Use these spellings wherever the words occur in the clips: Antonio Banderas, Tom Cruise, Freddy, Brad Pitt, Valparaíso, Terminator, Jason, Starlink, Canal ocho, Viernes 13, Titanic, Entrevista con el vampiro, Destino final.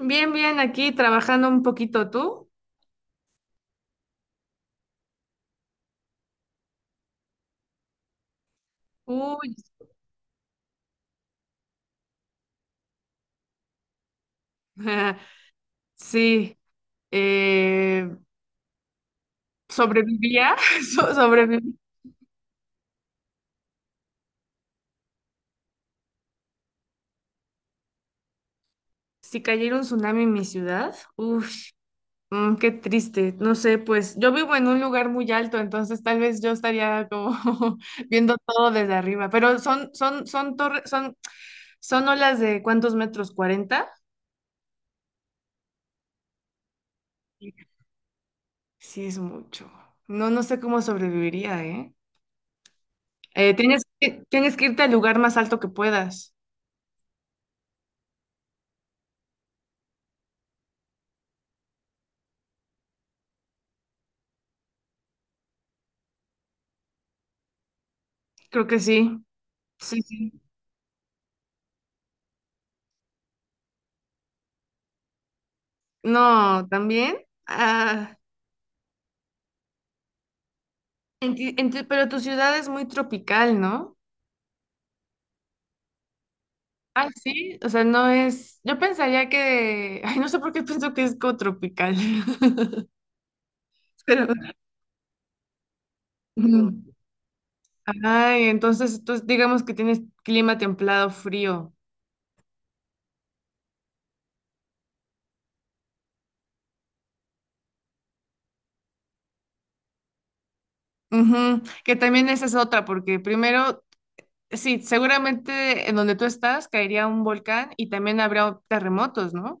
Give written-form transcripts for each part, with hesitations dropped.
Bien, bien, aquí trabajando un poquito tú. Uy, sí, eh, sobrevivía, sobreviví. Si cayera un tsunami en mi ciudad, uff, qué triste. No sé, pues yo vivo en un lugar muy alto, entonces tal vez yo estaría como viendo todo desde arriba. Pero son torres, son olas de ¿cuántos metros? 40. Sí, sí es mucho. No, no sé cómo sobreviviría, ¿eh? Tienes que irte al lugar más alto que puedas. Creo que sí. Sí, sí. No, también. Ah, en ti- en tu- pero tu ciudad es muy tropical, ¿no? Ah, sí. O sea, no es. Yo pensaría que. Ay, no sé por qué pienso que es como tropical. Pero. Ujú. Ay, entonces tú digamos que tienes clima templado, frío. Ujú, que también esa es otra, porque primero, sí, seguramente en donde tú estás caería un volcán y también habrá terremotos, ¿no?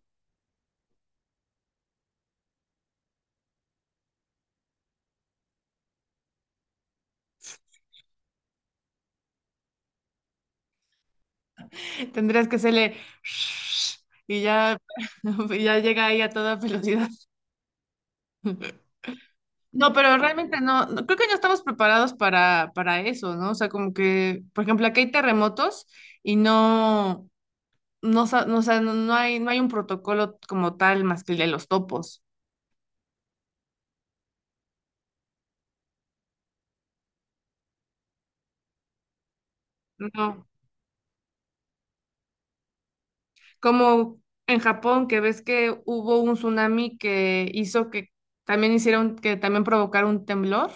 Tendrías que hacerle y ya, y ya llega ahí a toda velocidad. No, pero realmente creo que no estamos preparados para eso, ¿no? O sea, como que, por ejemplo, aquí hay terremotos y no, no, o sea, no, no hay un protocolo como tal más que el de los topos. No. Como en Japón, que ves que hubo un tsunami que hizo que también hicieron, que también provocara un temblor.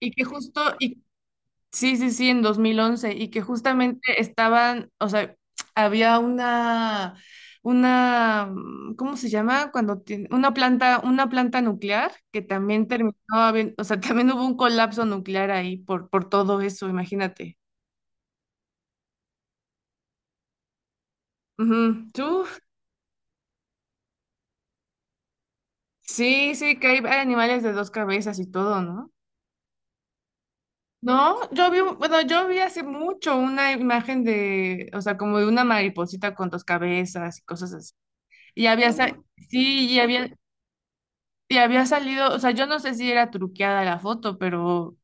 Y que justo, y Sí, sí, sí, en 2011 y que justamente estaban, o sea, había una, ¿cómo se llama? Cuando tiene, una planta nuclear que también terminó, o sea, también hubo un colapso nuclear ahí por todo eso, imagínate. Ujú. ¿Tú? Sí, sí, que hay animales de dos cabezas y todo, ¿no? No, yo vi, bueno, yo vi hace mucho una imagen de, o sea, como de una mariposita con dos cabezas y cosas así. Y había, sa- sí, y había salido, o sea, yo no sé si era truqueada la foto, pero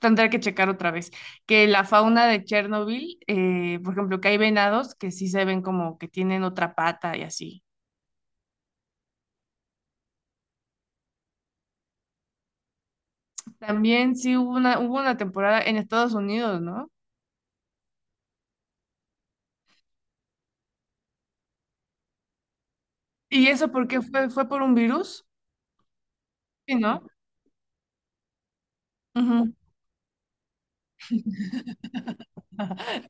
tendré que checar otra vez. Que la fauna de Chernobyl, por ejemplo, que hay venados que sí se ven como que tienen otra pata y así. También sí hubo una temporada en Estados Unidos, ¿no? ¿Y eso por qué fue? ¿Fue por un virus? Sí, ¿no? Ujú.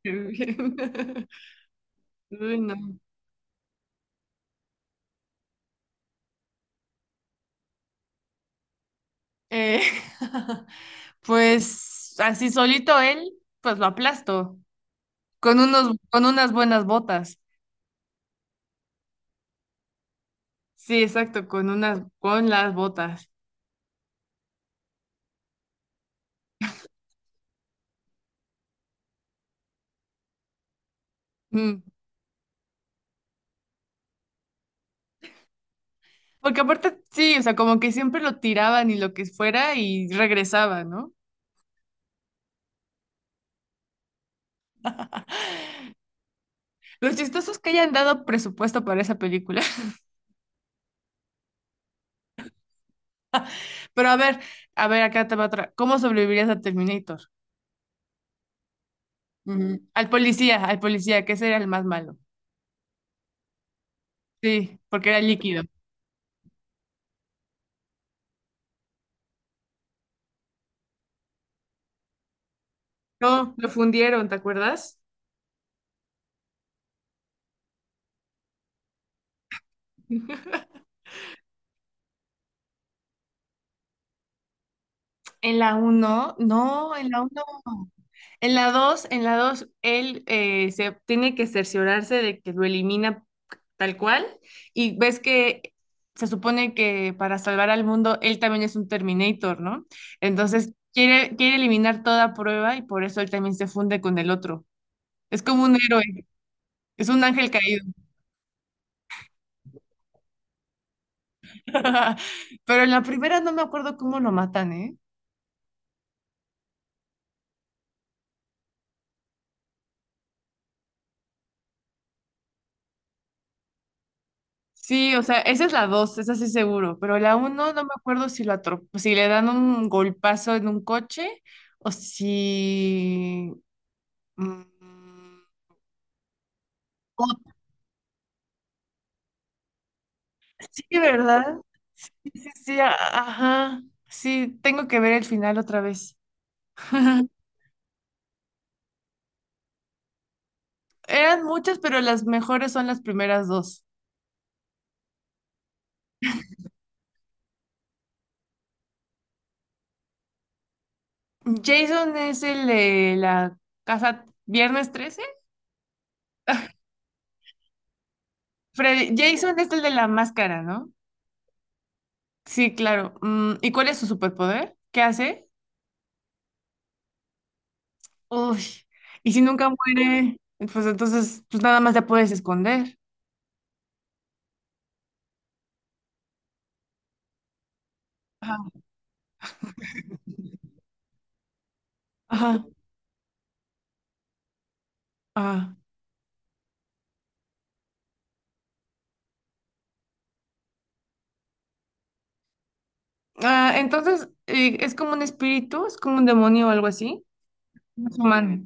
Qué bien. Uy, no. Eh, pues así solito él, pues lo aplasto con unas buenas botas. Sí, exacto, con las botas. Mm. Porque aparte, sí, o sea, como que siempre lo tiraban y lo que fuera y regresaba, ¿no? Los chistosos que hayan dado presupuesto para esa película. Pero a ver, acá te va otra. ¿Cómo sobrevivirías a Terminator? Ujú. Al policía, que ese era el más malo. Sí, porque era líquido. No, lo fundieron, ¿te acuerdas? En la uno, no, en la uno. En la 2, él se tiene que cerciorarse de que lo elimina tal cual. Y ves que se supone que para salvar al mundo, él también es un Terminator, ¿no? Entonces quiere eliminar toda prueba y por eso él también se funde con el otro. Es como un héroe, es un ángel caído. Pero en la primera no me acuerdo cómo lo matan, ¿eh? Sí, o sea, esa es la dos, esa sí seguro, pero la uno no me acuerdo si le dan un golpazo en un coche o si... mm, o- sí, ¿verdad? Sí, sí, sí, ajá. Sí, tengo que ver el final otra vez. Eran muchas, pero las mejores son las primeras dos. Jason es el de la casa Viernes 13. Freddy, Jason es el de la máscara, ¿no? Sí, claro. Mm, ¿y cuál es su superpoder? ¿Qué hace? Uy, y si nunca muere, pues entonces, pues nada más la puedes esconder. Ajá, ajá, ajá. Ah, entonces, ¿es como un espíritu? ¿Es como un demonio o algo así? No es humano.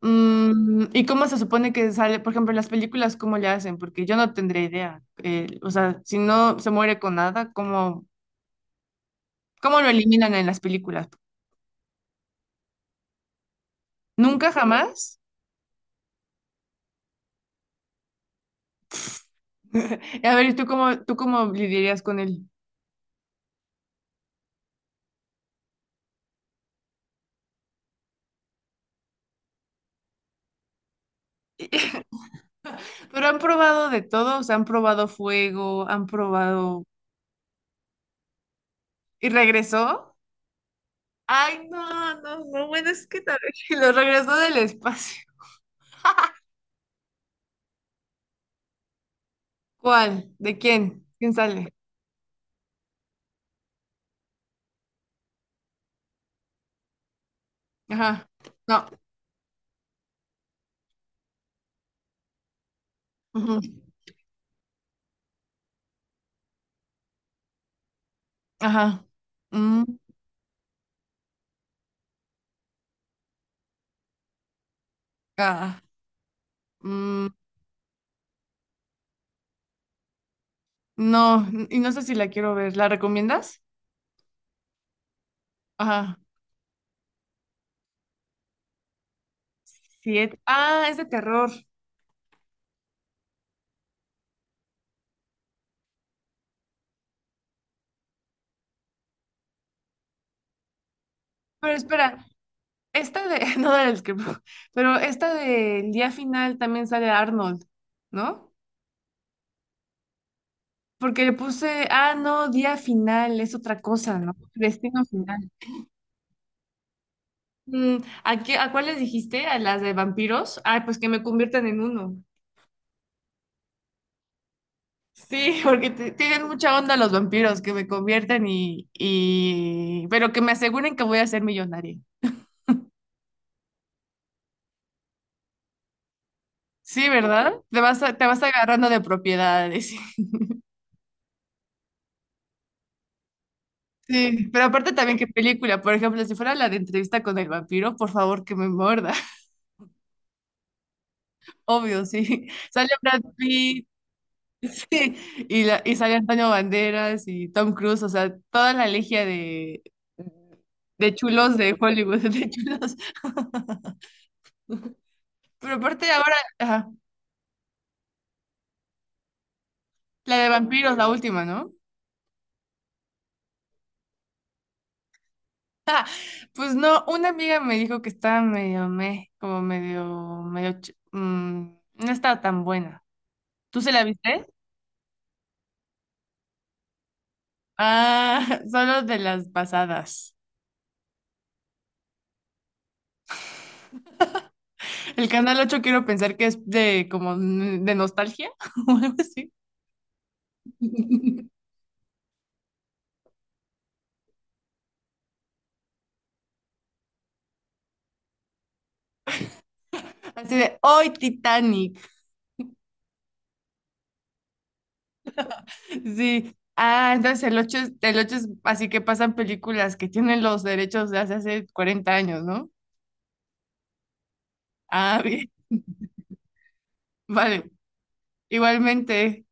Mm, ¿y cómo se supone que sale? Por ejemplo, en las películas, ¿cómo le hacen? Porque yo no tendré idea. O sea, si no se muere con nada, ¿cómo lo eliminan en las películas? ¿Nunca, jamás? A ver, tú cómo lidiarías con él? Pero han probado de todo, o sea, han probado fuego, han probado... ¿Y regresó? Ay, no, no, no, bueno, es que tal vez lo regresó del espacio. ¿Cuál? ¿De quién? ¿Quién sale? Ajá. No. Ujú. Ajá. Mm, ah, mm, no, y no sé si la quiero ver. ¿La recomiendas? Ajá. Siete. Ah, es de terror. Pero espera, esta de... No del que... no, pero esta del día final también sale Arnold, ¿no? Porque le puse, ah, no, día final, es otra cosa, ¿no? Destino final. Mm, ¿a cuáles dijiste? ¿A las de vampiros? Ay, pues que me conviertan en uno. Sí, porque tienen mucha onda los vampiros, que me conviertan y... Pero que me aseguren que voy a ser millonaria. Sí, ¿verdad? Te vas, te vas agarrando de propiedades. Sí, pero aparte también qué película, por ejemplo, si fuera la de entrevista con el vampiro, por favor que me muerda. Obvio, sí. Sale Brad Pitt. Sí, y sale Antonio Banderas y Tom Cruise, o sea, toda la legia de chulos de Hollywood, de chulos. Pero aparte ahora, ajá, la de vampiros, la última, ¿no? Pues no, una amiga me dijo que estaba medio meh, como medio, medio, no estaba tan buena. ¿Tú se la viste? Ah, solo de las pasadas. El Canal ocho quiero pensar que es de como de nostalgia o algo así. Así de, hoy Titanic. Sí. Ah, entonces el 8 es así que pasan películas que tienen los derechos de hace 40 años, ¿no? Ah, bien. Vale. Igualmente.